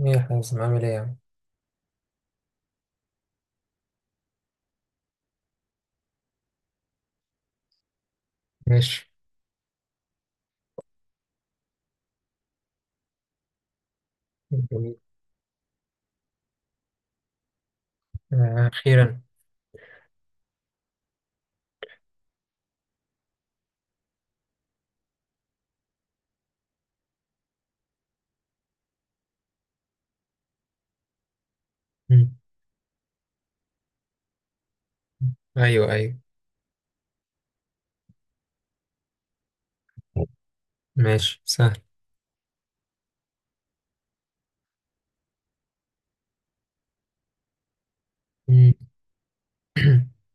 ايه يا حازم؟ عامل ايه يا عم؟ ماشي. جميل. آه، أخيرا. مم. أيوه أيوه. ماشي سهل. مم.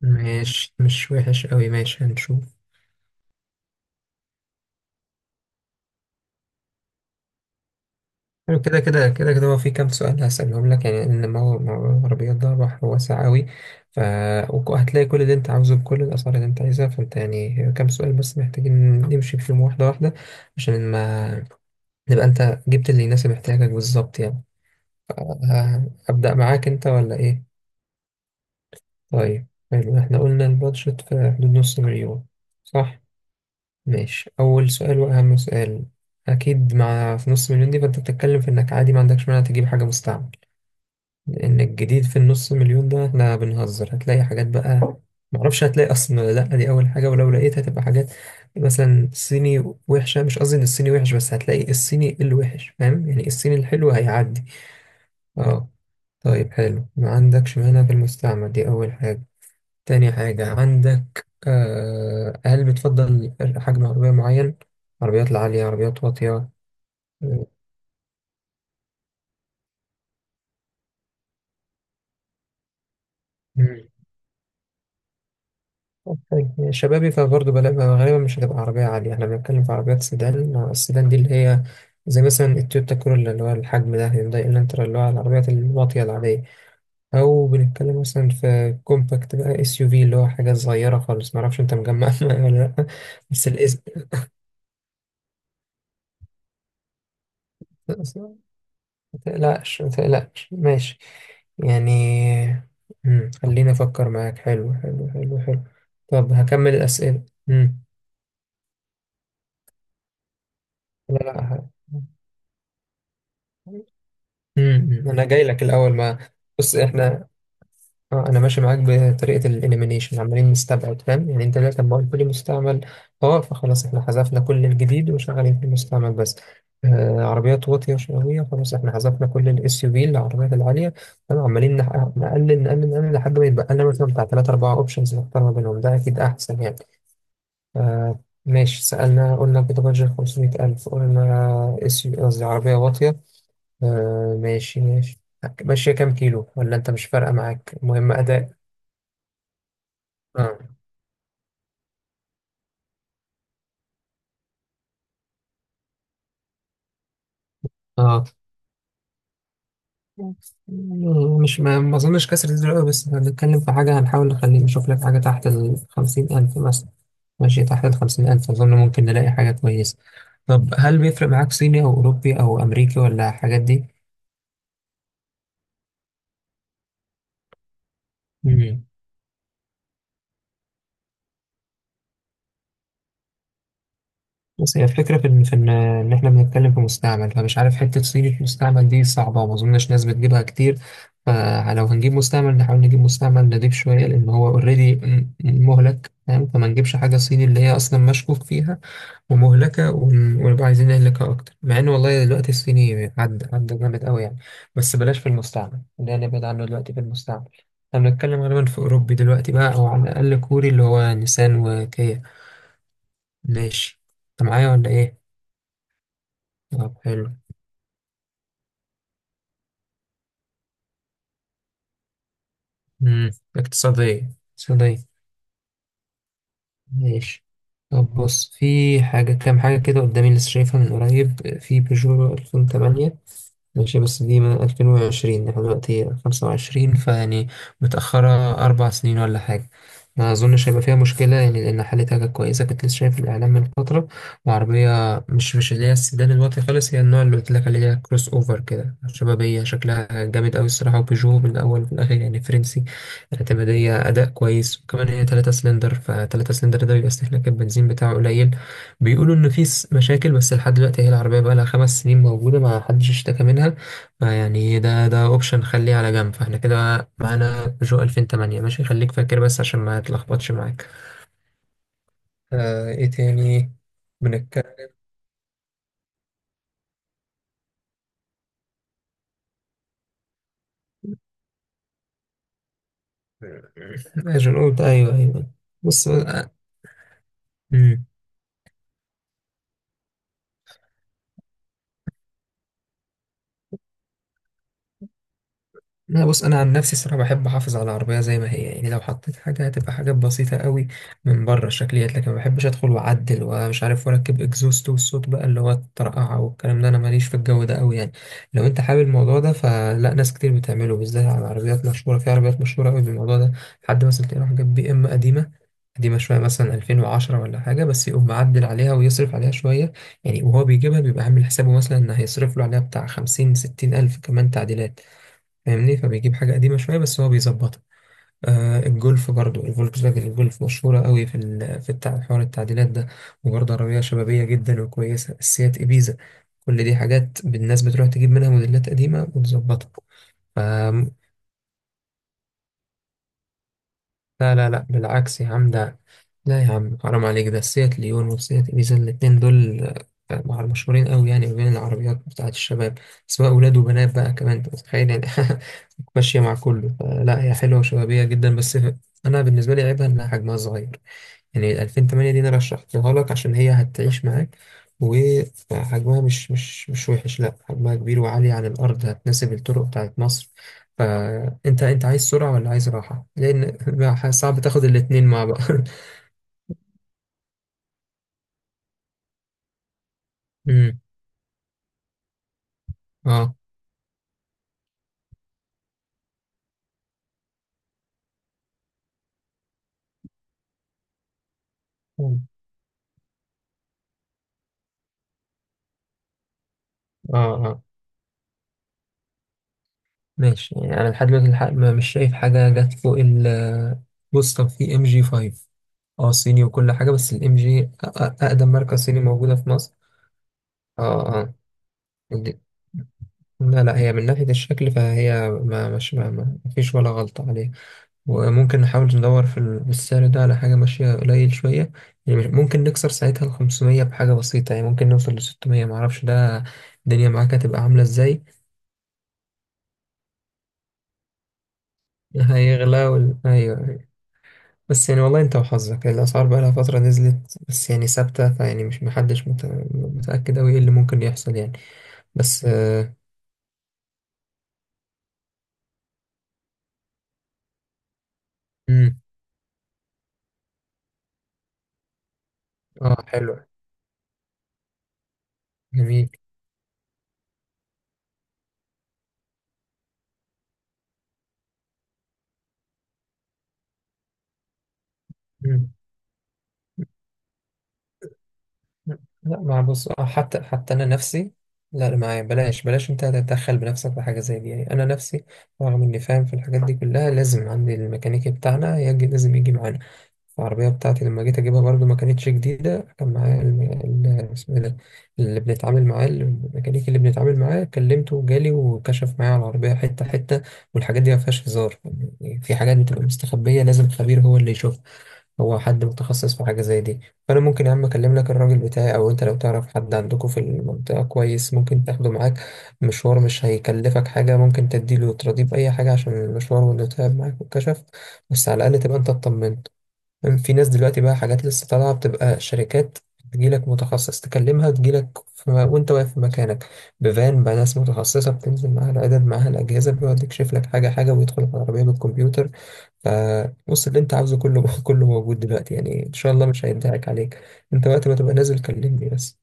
ماشي، مش وحش أوي، ماشي هنشوف. حلو، كده هو في كام سؤال هسألهم لك، يعني إن موضوع العربيات ده بحر واسع أوي. ف وهتلاقي كل اللي أنت عاوزه بكل الأسعار اللي أنت عايزها، فأنت يعني كام سؤال بس محتاجين نمشي فيهم واحدة واحدة، عشان ما نبقى أنت جبت اللي يناسب احتياجك بالظبط يعني. ف- أبدأ معاك أنت ولا إيه؟ طيب، حلو. احنا قلنا البادجت في حدود نص مليون، صح؟ ماشي. اول سؤال واهم سؤال، اكيد مع في نص مليون دي فانت بتتكلم في انك عادي ما عندكش مانع تجيب حاجه مستعمل، لان الجديد في النص مليون ده احنا بنهزر، هتلاقي حاجات بقى، معرفش هتلاقي اصلا ولا لا، دي اول حاجه، ولو لقيت هتبقى حاجات مثلا صيني وحشه. مش قصدي ان الصيني وحش، بس هتلاقي الصيني الوحش، فاهم؟ يعني الصيني الحلو هيعدي. اه. طيب حلو، ما عندكش مانع في المستعمل، دي اول حاجه. تاني حاجة، عندك هل بتفضل حجم عربية معين؟ عربيات العالية، عربيات واطية؟ آه، مم. طيب، شبابي، فبرضه غالبا مش هتبقى عربية عالية، احنا بنتكلم في عربيات سيدان، السيدان دي اللي هي زي مثلا التويوتا كورولا، اللي هو الحجم ده، هيونداي الانترا، اللي هو العربيات الواطية العادية، أو بنتكلم مثلا في كومباكت بقى، اس يو في، اللي هو حاجة صغيرة خالص. معرفش أنت مجمع ولا لأ؟ بس الاسم، ما تقلقش ما تقلقش ماشي يعني. مم. خليني أفكر معاك. حلو حلو. طب هكمل الأسئلة. لا لا أنا جاي لك الأول. ما بص إحنا، اه انا ماشي معاك بطريقه الاليمينيشن، عمالين نستبعد، فاهم؟ يعني انت دلوقتي لما قلت لي مستعمل، اه، فخلاص احنا حذفنا كل الجديد، وشغالين في المستعمل بس. آه، عربيات واطيه وشقاويه، خلاص احنا حذفنا كل الاس يو في، العربيات العاليه، فاهم؟ عمالين نقلل نقلل لحد ما يتبقى لنا مثلا بتاع 3 4 أوبشنز، نختار ما بينهم، ده أكيد أحسن يعني. آه. ماشي، سألنا قلنا كده بادجت 500000، قلنا اس يو، قصدي عربية واطية، آه ماشي ماشي. ماشية كام كيلو؟ ولا أنت مش فارقة معاك، المهم أداء؟ آه. اه، مش ما ما اظنش كسر الزر أوي، بس احنا بنتكلم في حاجه هنحاول نخليه، نشوف لك حاجه تحت ال 50000 مثلا. ماشي، تحت ال 50000 اظن ممكن نلاقي حاجه كويسه. طب هل بيفرق معاك صيني او اوروبي او امريكي، ولا الحاجات دي؟ مم. بس هي الفكره في ان في ان إن احنا بنتكلم في مستعمل، فمش عارف، حته صيني في مستعمل دي صعبه، وما اظنش ناس بتجيبها كتير. فلو هنجيب مستعمل، نحاول نجيب مستعمل نضيف شويه، لان هو اوريدي مهلك، فاهم؟ فما نجيبش حاجه صيني اللي هي اصلا مشكوك فيها ومهلكة، ونبقى عايزين نهلكها أكتر، مع إن والله دلوقتي الصيني عدى جامد أوي يعني، بس بلاش في المستعمل ده، نبعد عنه دلوقتي في المستعمل. احنا بنتكلم غالبا في أوروبي دلوقتي بقى، أو على الأقل كوري، اللي هو نيسان وكيا. ماشي. أنت معايا ولا إيه؟ طب حلو. مم. اقتصادية اقتصادية، ماشي. طب بص، في حاجة، كام حاجة كده قدامي لسه شايفها من قريب، في بيجو 2008، ماشي بس دي من 2020، احنا دلوقتي 25، فيعني متأخرة 4 سنين ولا حاجة. ما أظنش هيبقى فيها مشكلة يعني، لأن حالتها كانت كويسة، كنت لسه شايف الإعلان من فترة، وعربية مش مش اللي هي السيدان الواطي خالص، هي النوع اللي قلت لك عليه، اللي هي كروس أوفر كده، شبابية، شكلها جامد أوي الصراحة، وبيجو من الأول وفي الآخر يعني فرنسي، اعتمادية، أداء كويس، وكمان هي تلاتة سلندر، فتلاتة سلندر ده بيبقى استهلاك البنزين بتاعه قليل. بيقولوا ان في مشاكل، بس لحد دلوقتي هي العربيه بقى لها 5 سنين موجوده ما حدش اشتكى منها. فيعني ده اوبشن، خليه على جنب، فاحنا كده معانا بيجو 2008، ماشي خليك فاكر بس عشان ما تلخبطش معاك. آه، ايه تاني؟ بنتكلم، اجل؟ قلت ايوه ايوه. بص، آه. لا بص، انا عن نفسي الصراحه بحب احافظ على العربيه زي ما هي، يعني لو حطيت حاجه هتبقى حاجات بسيطه قوي من بره، الشكليات، لكن ما بحبش ادخل واعدل ومش عارف واركب اكزوست والصوت بقى اللي هو الطرقعه والكلام ده، انا ماليش في الجو ده قوي يعني. لو انت حابب الموضوع ده فلا، ناس كتير بتعمله، بالذات على عربيات مشهوره، في عربيات مشهوره قوي بالموضوع ده. حد مثلا تلاقيه راح جاب بي ام قديمه، قديمة شوية مثلا 2010 ولا حاجة، بس يقوم معدل عليها ويصرف عليها شوية يعني، وهو بيجيبها بيبقى عامل حسابه مثلا إن هيصرف له عليها بتاع 50 60 ألف كمان تعديلات، فاهمني؟ فبيجيب حاجة قديمة شوية بس هو بيظبطها. آه، الجولف برضو، الفولكس فاجن الجولف مشهورة قوي في حوار التعديلات ده، وبرضه عربية شبابية جدا وكويسة، السيات إبيزا، كل دي حاجات الناس بتروح تجيب منها موديلات قديمة وتظبطها. لا لا لا بالعكس يا عم ده، لا يا عم حرام عليك، ده سيات ليون وسيات إبيزا الاتنين دول مشهورين قوي يعني، ما بين العربيات بتاعة الشباب، سواء أولاد وبنات بقى، كمان أنت متخيل يعني ماشية مع كله. لا هي حلوة وشبابية جدا، بس أنا بالنسبة لي عيبها إنها حجمها صغير. يعني 2008 دي انا رشحتها لك عشان هي هتعيش معاك، وحجمها مش وحش، لا حجمها كبير وعالي عن الارض، هتناسب الطرق بتاعت مصر. انت عايز سرعة ولا عايز راحة؟ لان بقى صعب تاخد الاتنين مع بعض امم. اه. اه. اه. ماشي، يعني انا لحد دلوقتي الحق مش شايف حاجة جت فوق ال، بص طب في ام جي 5، اه صيني وكل حاجة، بس الام جي اقدم ماركة صيني موجودة في مصر. اه. اه. لا لا، هي من ناحية الشكل فهي ما مش ما ما ما فيش ولا غلطة عليه، وممكن نحاول ندور في السعر ده على حاجة ماشية قليل شوية، ممكن نكسر ساعتها ال 500 بحاجة بسيطة، يعني ممكن نوصل ل 600، معرفش ده الدنيا معاك هتبقى عاملة ازاي. هيغلى وال... أيوه أيوه. بس يعني والله انت وحظك، الأسعار بقى لها فترة نزلت بس يعني ثابتة، فيعني مش، محدش مت... متأكد أوي ايه اللي ممكن يحصل يعني. بس اه, مم. آه حلو. جميل. مم. لا، ما بص، حتى انا نفسي، لا ما بلاش بلاش انت تتدخل بنفسك في حاجه زي دي يعني، انا نفسي رغم اني فاهم في الحاجات دي كلها، لازم عندي الميكانيكي بتاعنا يجي، لازم يجي معانا. العربيه بتاعتي لما جيت اجيبها برضو ما كانتش جديده، كان معايا اسمه إيه ده، اللي بنتعامل معاه، الميكانيكي اللي بنتعامل معاه، كلمته وجالي وكشف معايا على العربيه حته حته، والحاجات دي ما فيهاش هزار يعني، في حاجات بتبقى مستخبيه لازم خبير هو اللي يشوفها، هو حد متخصص في حاجة زي دي. فأنا ممكن يا عم أكلم لك الراجل بتاعي، أو أنت لو تعرف حد عندكم في المنطقة كويس ممكن تاخده معاك مشوار، مش هيكلفك حاجة، ممكن تديله تراضيه بأي حاجة عشان المشوار وإنه تعب معاك والكشف، بس على الأقل تبقى أنت اطمنت. في ناس دلوقتي بقى، حاجات لسه طالعة، بتبقى شركات تجيلك متخصص، تكلمها تجيلك وأنت واقف في مكانك بفان بقى، ناس متخصصة بتنزل معاها العدد معاها الأجهزة، بيقعد يكشف لك حاجة حاجة ويدخل العربية بالكمبيوتر. فبص، اللي انت عاوزه كله كله موجود دلوقتي، يعني ان شاء الله مش هينتهك عليك، انت وقت ما تبقى نازل كلمني بس.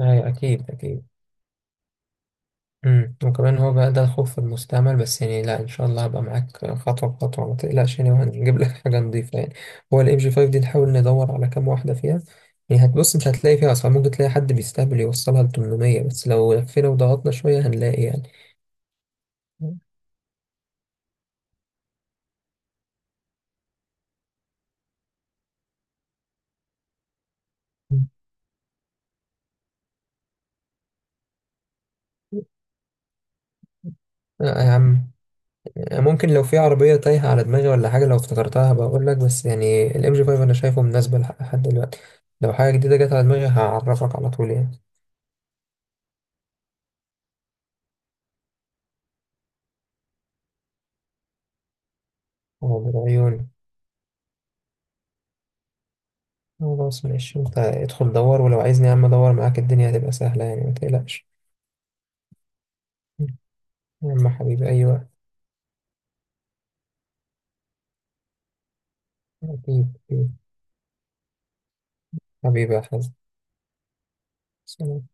ايوه اكيد اكيد. امم. وكمان هو بقى ده الخوف في المستعمل، بس يعني لا ان شاء الله هبقى معاك خطوه بخطوه، ما تقلقش يعني، وهنجيب لك حاجه نظيفه يعني. هو الام جي 5 دي نحاول ندور على كام واحده فيها، يعني هتبص انت هتلاقي فيها اسعار، ممكن تلاقي حد بيستهبل يوصلها ل 800، بس لو لفينا وضغطنا شويه هنلاقي يعني. مم. آه يا عم، يعني ممكن لو في عربية تايهة على دماغي ولا حاجة لو افتكرتها بقول لك، بس يعني الام جي 5 انا شايفه مناسبة لحد دلوقتي، لو حاجة جديدة جت على دماغي هعرفك على طول يعني. هو عيوني. خلاص ماشي، انت ادخل دور، ولو عايزني يا عم ادور معاك، الدنيا هتبقى سهلة يعني ما تقلقش. يا عم حبيبي، ايوه اكيد أكيد. حبيبي، يا حبيبي، سلام.